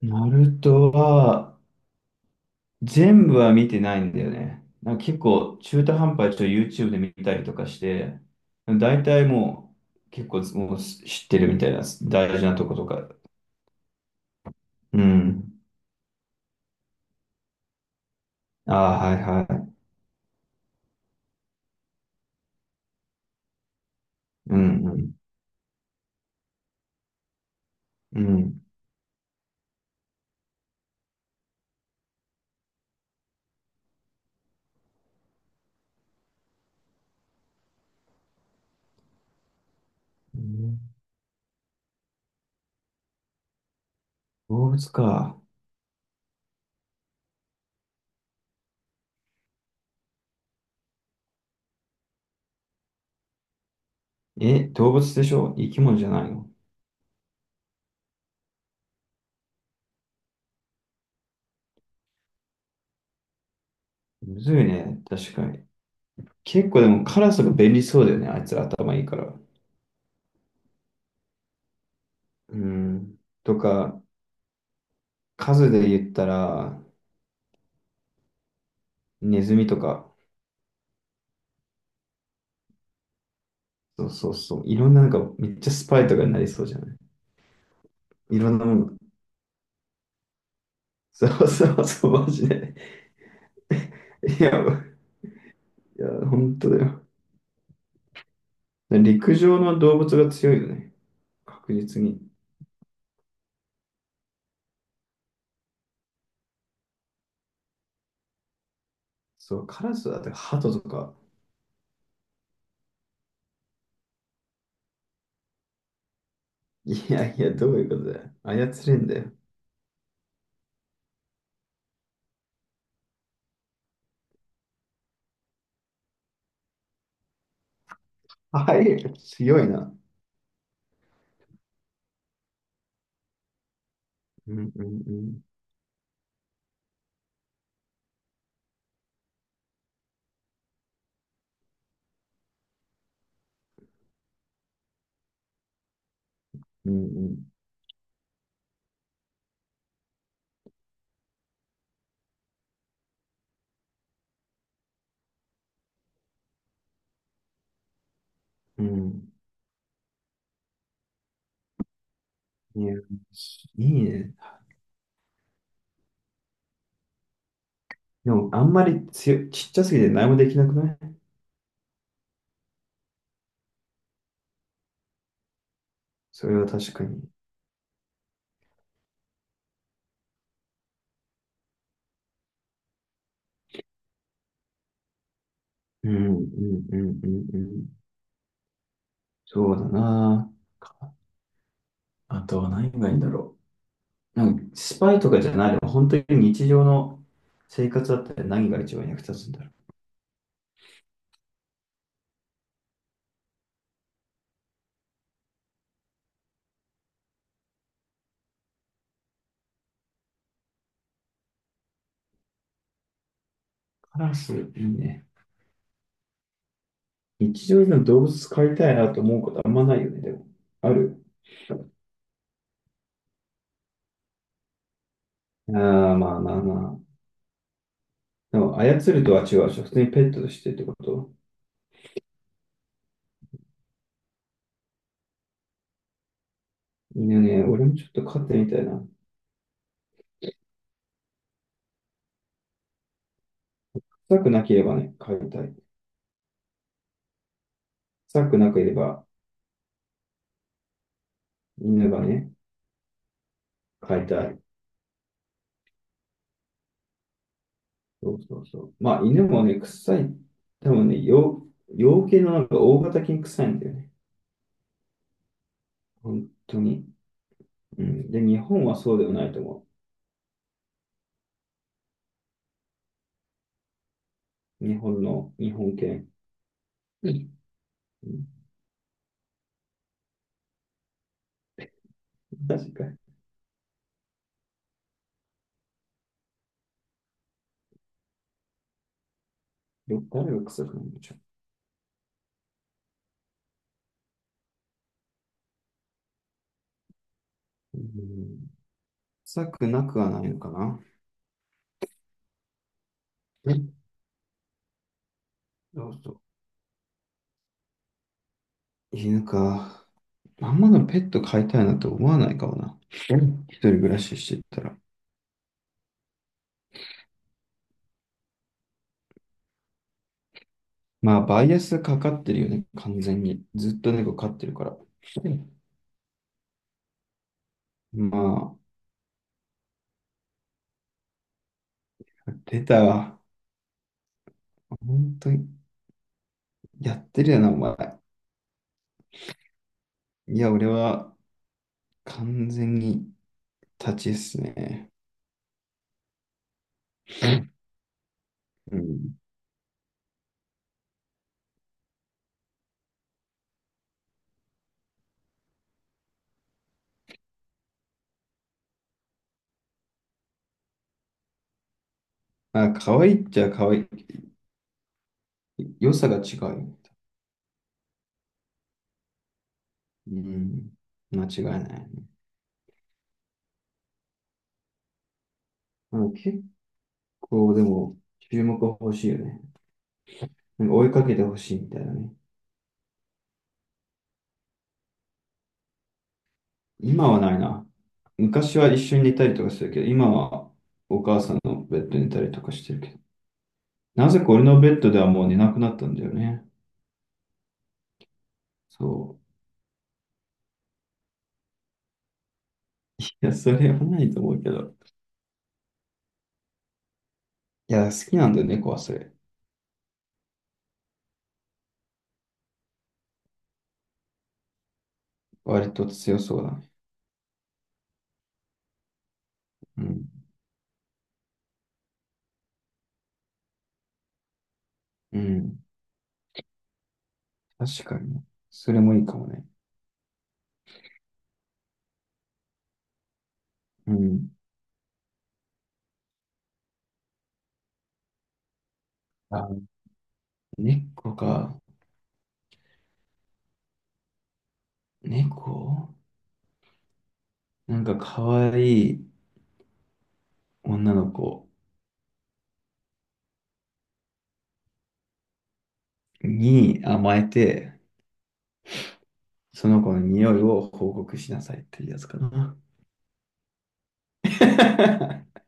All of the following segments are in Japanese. ナルトは、全部は見てないんだよね。結構中途半端にちょっと YouTube で見たりとかして、大体もう結構もう知ってるみたいな大事なとことか。うん。ああ、はいはい。うんうん。うん。うん、動物か。え、動物でしょ、生き物じゃないの？むずいね。確かに。結構でもカラスが便利そうだよね。あいつら頭いいから。うん。とか、数で言ったら、ネズミとか。そうそうそう。いろんなめっちゃスパイとかになりそうじゃない？いろんなもの。そうそうそう、マジで。いや、本当だよ。陸上の動物が強いよね。確実に。そう、カラスだってハトとか。いやいや、どういうことだよ。操れんだよ。はい、強いな。うんうんうん。うんうん。うん。いや、いいね。でも、あんまり強い、ちっちゃすぎて何もできなくない？それは確かに。うんうんうんうんうん。そうだな。あとは何がいいんだろう。スパイとかじゃないでも本当に日常の生活だったら何が一番役立つんだろう。カラス、いいね。日常でも動物飼いたいなと思うことあんまないよね、でも。ある、ああー、まあまあまあ。でも、操るとは違うでしょ。普通にペットとしてってこと？犬ね、俺もちょっと飼ってみたいな。臭くなければね、飼いたい。臭くなければ、犬がね、飼いたい。そうそうそう。まあ、犬もね、臭い。多分ね、洋、養系の大型犬臭いんだよね。本当に。うん。で、日本はそうではないと思う。日本の、日本犬。うん、確かに。よ、誰が臭くないの？ちょ、うん、臭くなくはないのかな。え、そうそう。犬か。あんまのペット飼いたいなと思わないかもな。うん、一人暮らししてたら。まあ、バイアスかかってるよね、完全に。ずっと猫飼ってるから。うん、まあ、出たわ。本当に、やってるよな、お前。いや、俺は完全に立ちっすね。うん。あ、可愛いっちゃ可愛い。良さが違う。うん。間違いない。あ、結構、でも、注目は欲しいよね。追いかけて欲しいみたいなね。今はないな。昔は一緒に寝たりとかするけど、今はお母さんのベッドに寝たりとかしてるけど。なぜか俺のベッドではもう寝なくなったんだよね。そう。いや、それはないと思うけど。いや、好きなんだよね、猫はそれ。割と強そうだね。うん。うん。確かにね、それもいいかもね。うん。あ、猫か。猫、可愛い女の子に甘えて、その子の匂いを報告しなさいっていうやつかな。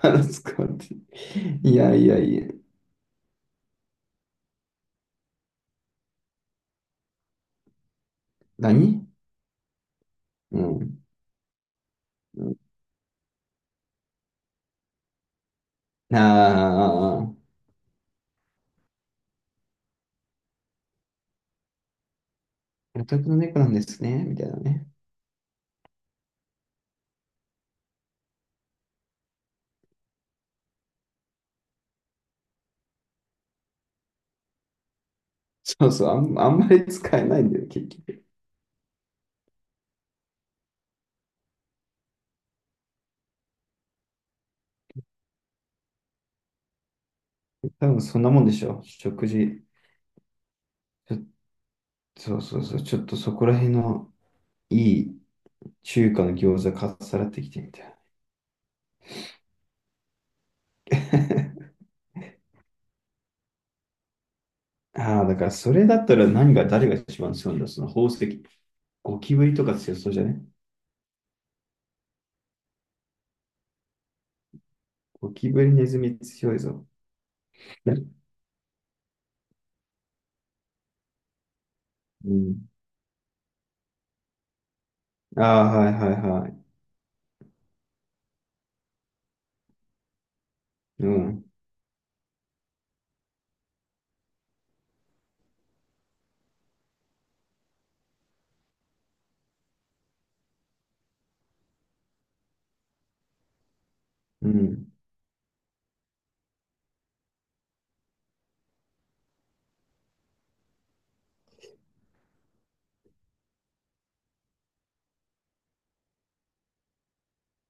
話すかって。いやいやいや。何？うん。ああ。お宅の猫なんですね、みたいなね。そうそう、あんまり使えないんだよ、結局。多分そんなもんでしょ、食事。ちょ、そうそうそう、ちょっとそこら辺のいい中華の餃子かっさらってきてみたいな。ああ、だからそれだったら何が、誰が一番強いんだ、その宝石。ゴキブリとか強そうじゃね？ゴキブリ、ネズミ強いぞ。ね、うん。ああ、はいはいはい。うん、うん、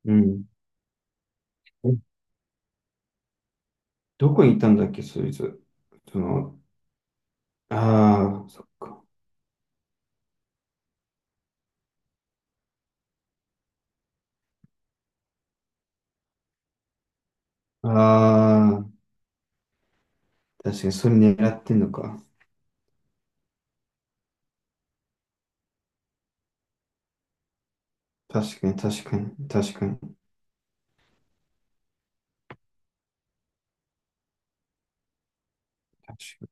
うん。どこにいたんだっけ、そいつ。その、ああ、そっか。ああ、確かに、それ狙ってんのか。確かに、確かに、確かに、確かに。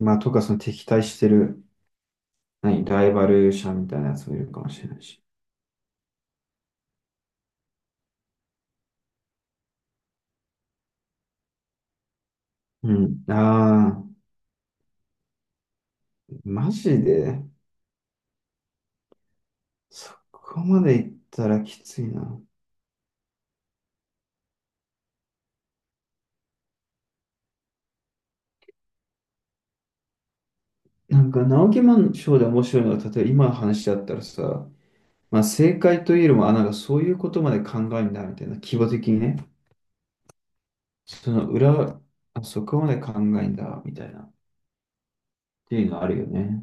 まあ、とか、その敵対してる、何、ライバル者みたいなやつもいるかもしれないし。うん。ああ、マジで、そこまでいったらきついな。直木マンショーで面白いのは、例えば今の話だったらさ、まあ、正解というよりも、あ、そういうことまで考えんだ、みたいな、規模的にね。その裏、あ、そこまで考えんだ、みたいな、っていうのあるよね。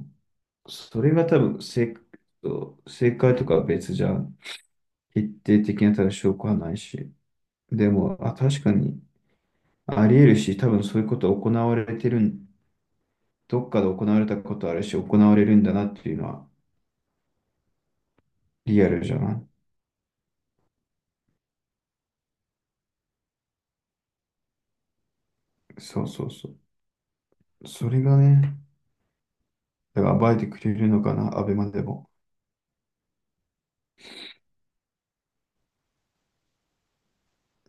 それが多分正、正解とかは別じゃん。決定的な多分証拠はないし。でも、あ、確かにあり得るし、多分そういうこと行われてるん、どっかで行われたことあるし、行われるんだなっていうのはリアルじゃない。そうそうそう。それがね、だから暴いてくれるのかな、アベマでも。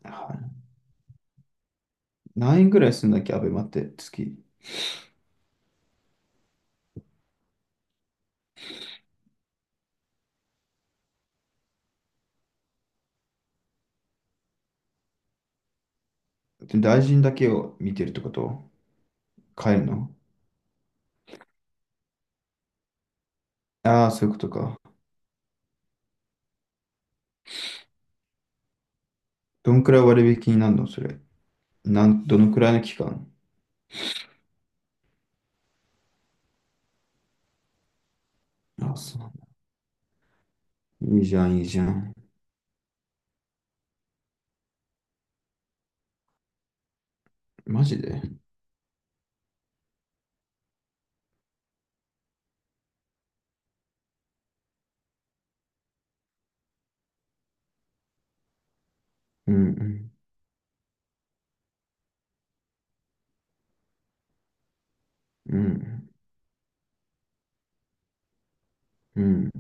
はい、何円ぐらいするんだっけ、アベマって月。で大臣だけを見てるってこと？買えるの？ああー、そういうことか。どんくらい割引になるのそれ。なん、どのくらいの期間？あ、そう。いいじゃん、いいじゃん。マジで？うん、うん、うん、うん、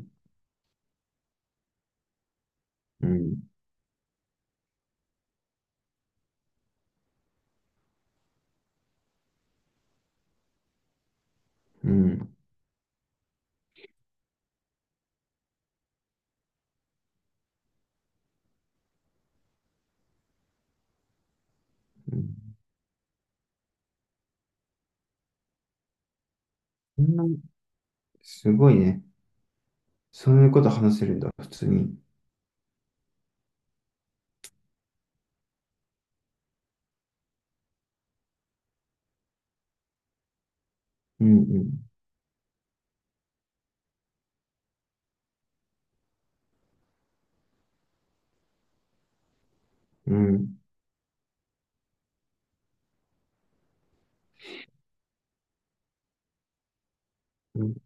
うん、うん。そんな、すごいね。そういうこと話せるんだ、普通に。うん、うん、うん、うん、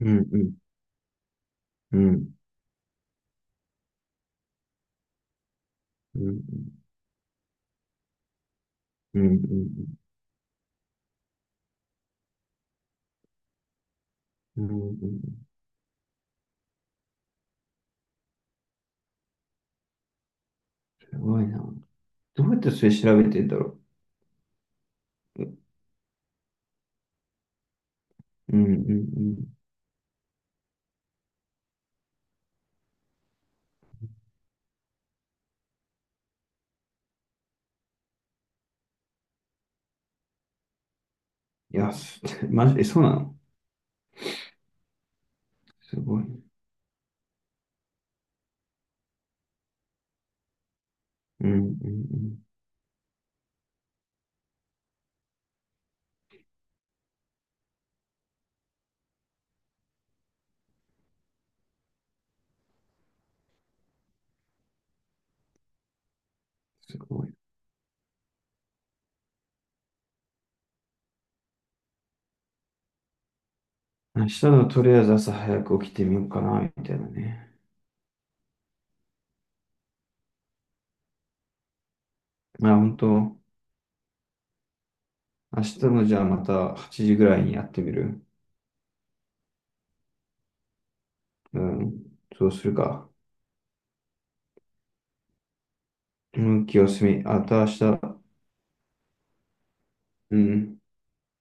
うん、うん、うん、うん、うん、うん、うん、うん、すごいな。どうやってそれ調べてんだろう。うん、うん、うん。いや、す マジで、え、そうなの？すごい。うん、うん、うん。すごい。明日のとりあえず朝早く起きてみようかな、みたいなね。まあ本当、明日のじゃあまた8時ぐらいにやってみる。うん、そうするか。向きを進み、あと明日、うん。